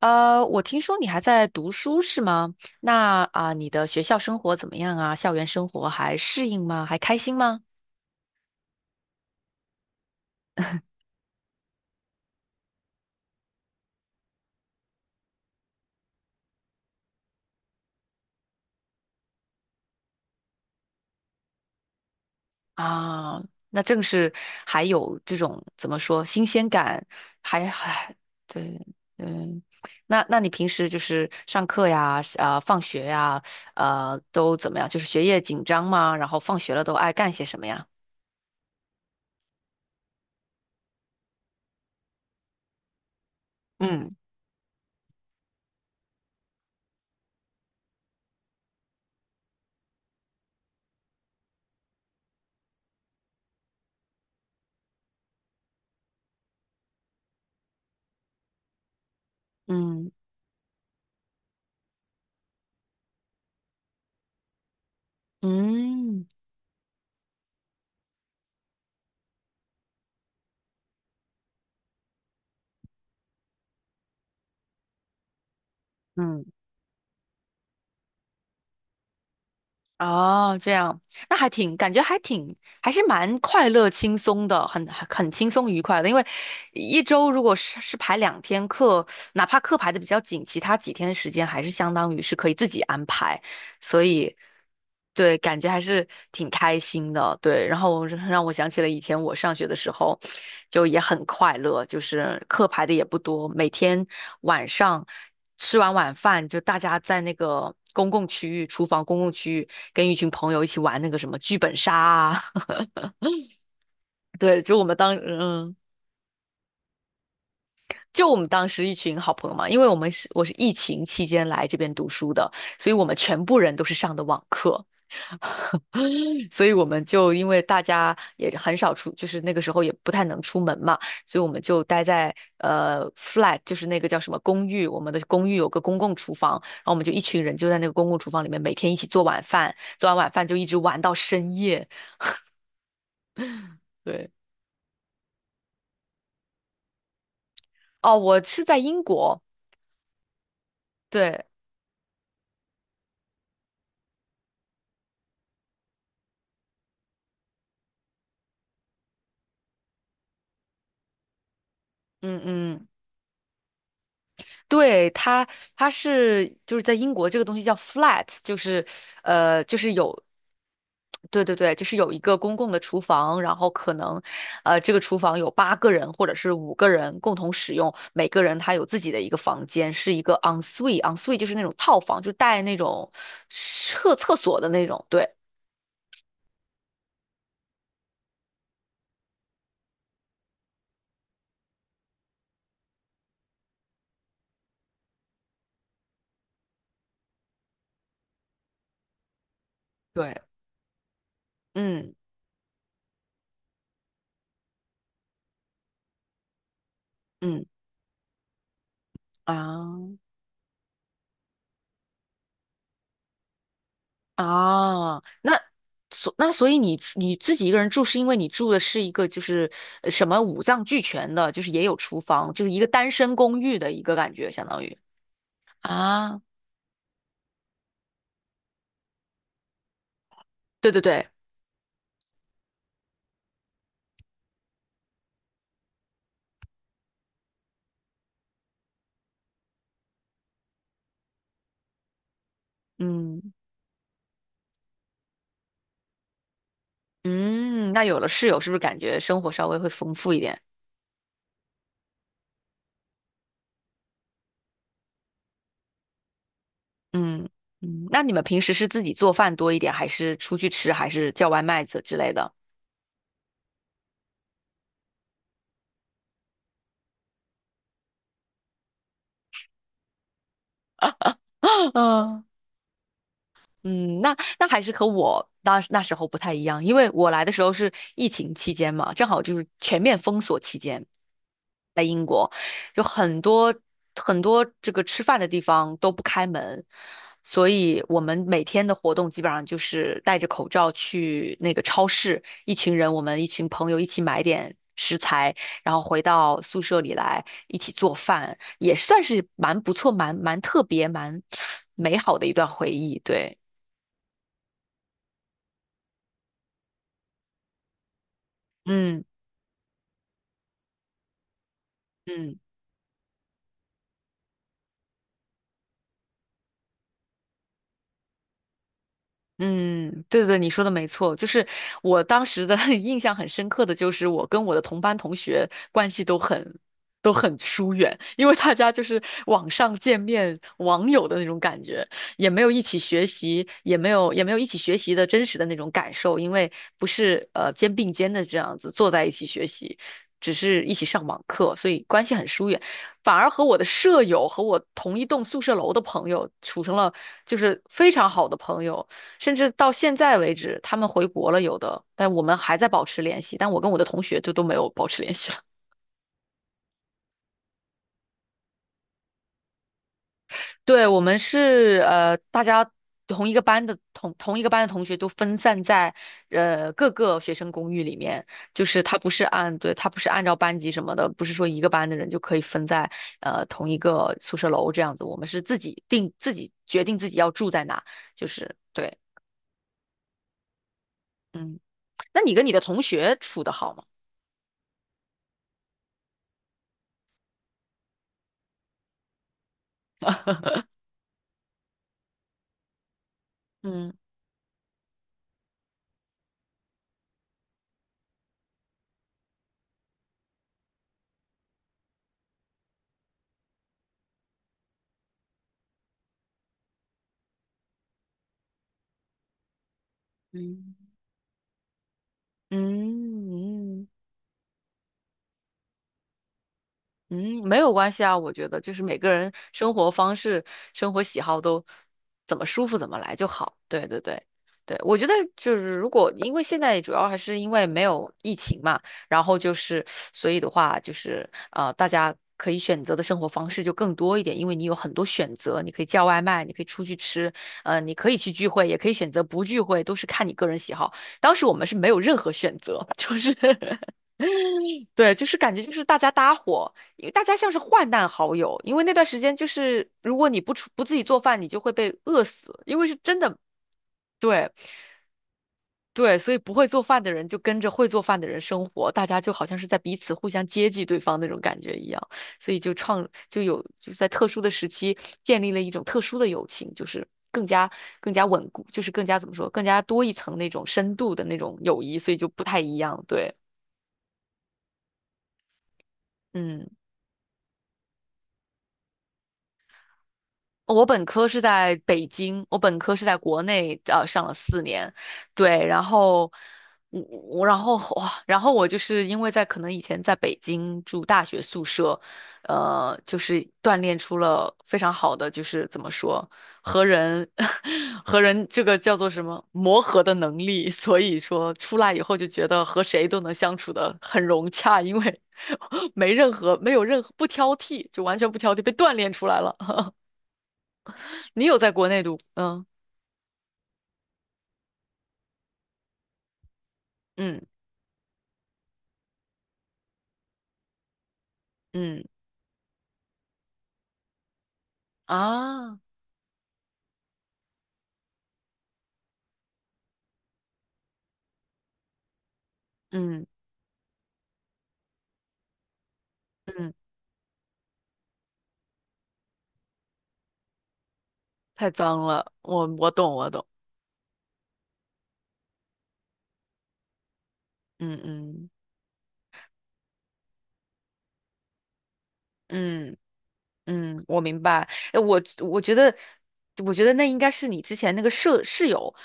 我听说你还在读书是吗？那啊，你的学校生活怎么样啊？校园生活还适应吗？还开心吗？啊，那正是还有这种怎么说新鲜感，还对，嗯，那你平时就是上课呀，啊，放学呀，都怎么样？就是学业紧张吗？然后放学了都爱干些什么呀？嗯嗯嗯嗯。哦，这样，那还挺，感觉还挺，还是蛮快乐、轻松的，很轻松愉快的。因为一周如果是排两天课，哪怕课排的比较紧，其他几天的时间还是相当于是可以自己安排。所以对，感觉还是挺开心的。对，然后让我想起了以前我上学的时候，就也很快乐，就是课排的也不多，每天晚上吃完晚饭，就大家在那个公共区域、厨房公共区域，跟一群朋友一起玩那个什么剧本杀啊。对，就我们当嗯。就我们当时一群好朋友嘛，因为我们是我是疫情期间来这边读书的，所以我们全部人都是上的网课。所以我们就因为大家也很少出，就是那个时候也不太能出门嘛，所以我们就待在flat，就是那个叫什么公寓，我们的公寓有个公共厨房，然后我们就一群人就在那个公共厨房里面每天一起做晚饭，做完晚饭就一直玩到深夜。对，哦，我是在英国，对，嗯嗯。对，它，它是就是在英国这个东西叫 flat，就是就是有，对对对，就是有一个公共的厨房，然后可能这个厨房有8个人或者是5个人共同使用，每个人他有自己的一个房间，是一个 en suite 就是那种套房，就带那种厕所的那种，对对，嗯嗯啊，啊，那所以你你自己一个人住，是因为你住的是一个就是呃什么五脏俱全的，就是也有厨房，就是一个单身公寓的一个感觉，相当于啊，对对对，嗯嗯，那有了室友，是不是感觉生活稍微会丰富一点？嗯嗯，那你们平时是自己做饭多一点，还是出去吃，还是叫外卖子之类的？嗯嗯，那还是和我那时候不太一样，因为我来的时候是疫情期间嘛，正好就是全面封锁期间，在英国有很多这个吃饭的地方都不开门，所以我们每天的活动基本上就是戴着口罩去那个超市，一群人我们一群朋友一起买点食材，然后回到宿舍里来一起做饭，也算是蛮不错、蛮特别、蛮 美好的一段回忆，对。嗯嗯，嗯，对对对，你说的没错，就是我当时的 印象很深刻的就是我跟我的同班同学关系都很疏远，因为大家就是网上见面网友的那种感觉，也没有一起学习，也没有一起学习的真实的那种感受，因为不是肩并肩的这样子坐在一起学习，只是一起上网课，所以关系很疏远。反而和我的舍友和我同一栋宿舍楼的朋友处成了就是非常好的朋友。甚至到现在为止，他们回国了有的，但我们还在保持联系。但我跟我的同学就都没有保持联系了。对，我们是大家同一个班的同学都分散在各个学生公寓里面，就是他不是按对他不是按照班级什么的，不是说一个班的人就可以分在同一个宿舍楼这样子。我们是自己决定自己要住在哪，就是对，嗯。那你跟你的同学处的好吗？嗯嗯。嗯嗯嗯，没有关系啊，我觉得就是每个人生活方式、生活喜好都怎么舒服怎么来就好。对对对对，我觉得就是如果因为现在主要还是因为没有疫情嘛，然后就是所以的话就是大家可以选择的生活方式就更多一点，因为你有很多选择，你可以叫外卖，你可以出去吃，你可以去聚会，也可以选择不聚会，都是看你个人喜好。当时我们是没有任何选择，就是 对，就是感觉就是大家搭伙，因为大家像是患难好友，因为那段时间就是如果你不出不自己做饭，你就会被饿死，因为是真的，对对，所以不会做饭的人就跟着会做饭的人生活，大家就好像是在彼此互相接济对方那种感觉一样，所以就是在特殊的时期建立了一种特殊的友情，就是更加稳固，就是更加怎么说，更加多一层那种深度的那种友谊，所以就不太一样，对，嗯。我本科是在北京，我本科是在国内上了4年，对，然后我然后哇，然后我就是因为在可能以前在北京住大学宿舍，就是锻炼出了非常好的就是怎么说和人 和人这个叫做什么磨合的能力，所以说出来以后就觉得和谁都能相处的很融洽，因为 没有任何不挑剔，就完全不挑剔，被锻炼出来了。你有在国内读？嗯嗯嗯啊，嗯嗯，太脏了，我懂我懂，嗯嗯嗯。嗯，我明白。我觉得，我觉得那应该是你之前那个室友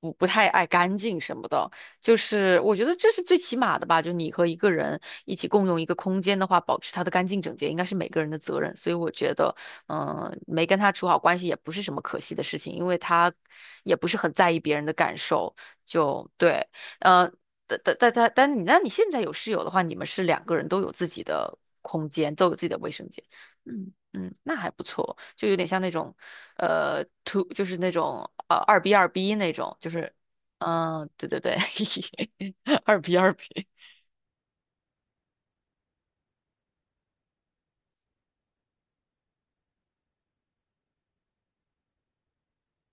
不太爱干净什么的，就是我觉得这是最起码的吧。就你和一个人一起共用一个空间的话，保持它的干净整洁，应该是每个人的责任。所以我觉得，嗯、没跟他处好关系也不是什么可惜的事情，因为他也不是很在意别人的感受。就对，呃，但你那你现在有室友的话，你们是两个人都有自己的空间，都有自己的卫生间。嗯。嗯，那还不错，就有点像那种，就是那种二 B 那种，就是，嗯、对对对，二 B 二 B，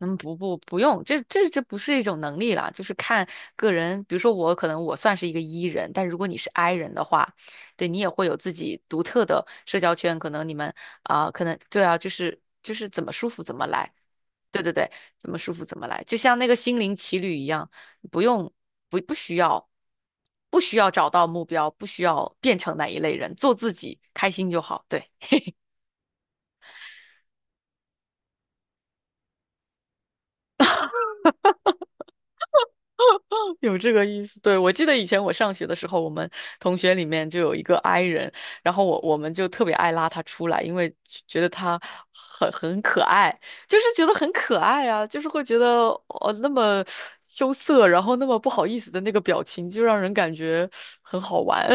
嗯，不不用，这这不是一种能力啦，就是看个人。比如说我可能我算是一个 E 人，但如果你是 I 人的话，对你也会有自己独特的社交圈。可能你们啊、可能对啊，就是怎么舒服怎么来。对对对，怎么舒服怎么来，就像那个心灵奇旅一样，不用不需要找到目标，不需要变成哪一类人，做自己开心就好。对。有这个意思，对，我记得以前我上学的时候，我们同学里面就有一个 i 人，然后我们就特别爱拉他出来，因为觉得他很可爱，就是觉得很可爱啊，就是会觉得哦那么羞涩，然后那么不好意思的那个表情，就让人感觉很好玩，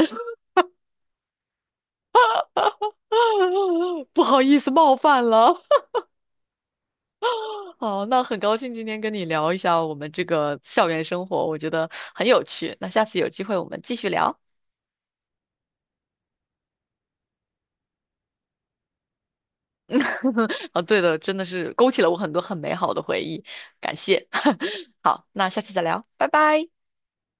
不好意思冒犯了。好，那很高兴今天跟你聊一下我们这个校园生活，我觉得很有趣。那下次有机会我们继续聊。啊，对的，真的是勾起了我很多很美好的回忆，感谢。好，那下次再聊，拜拜。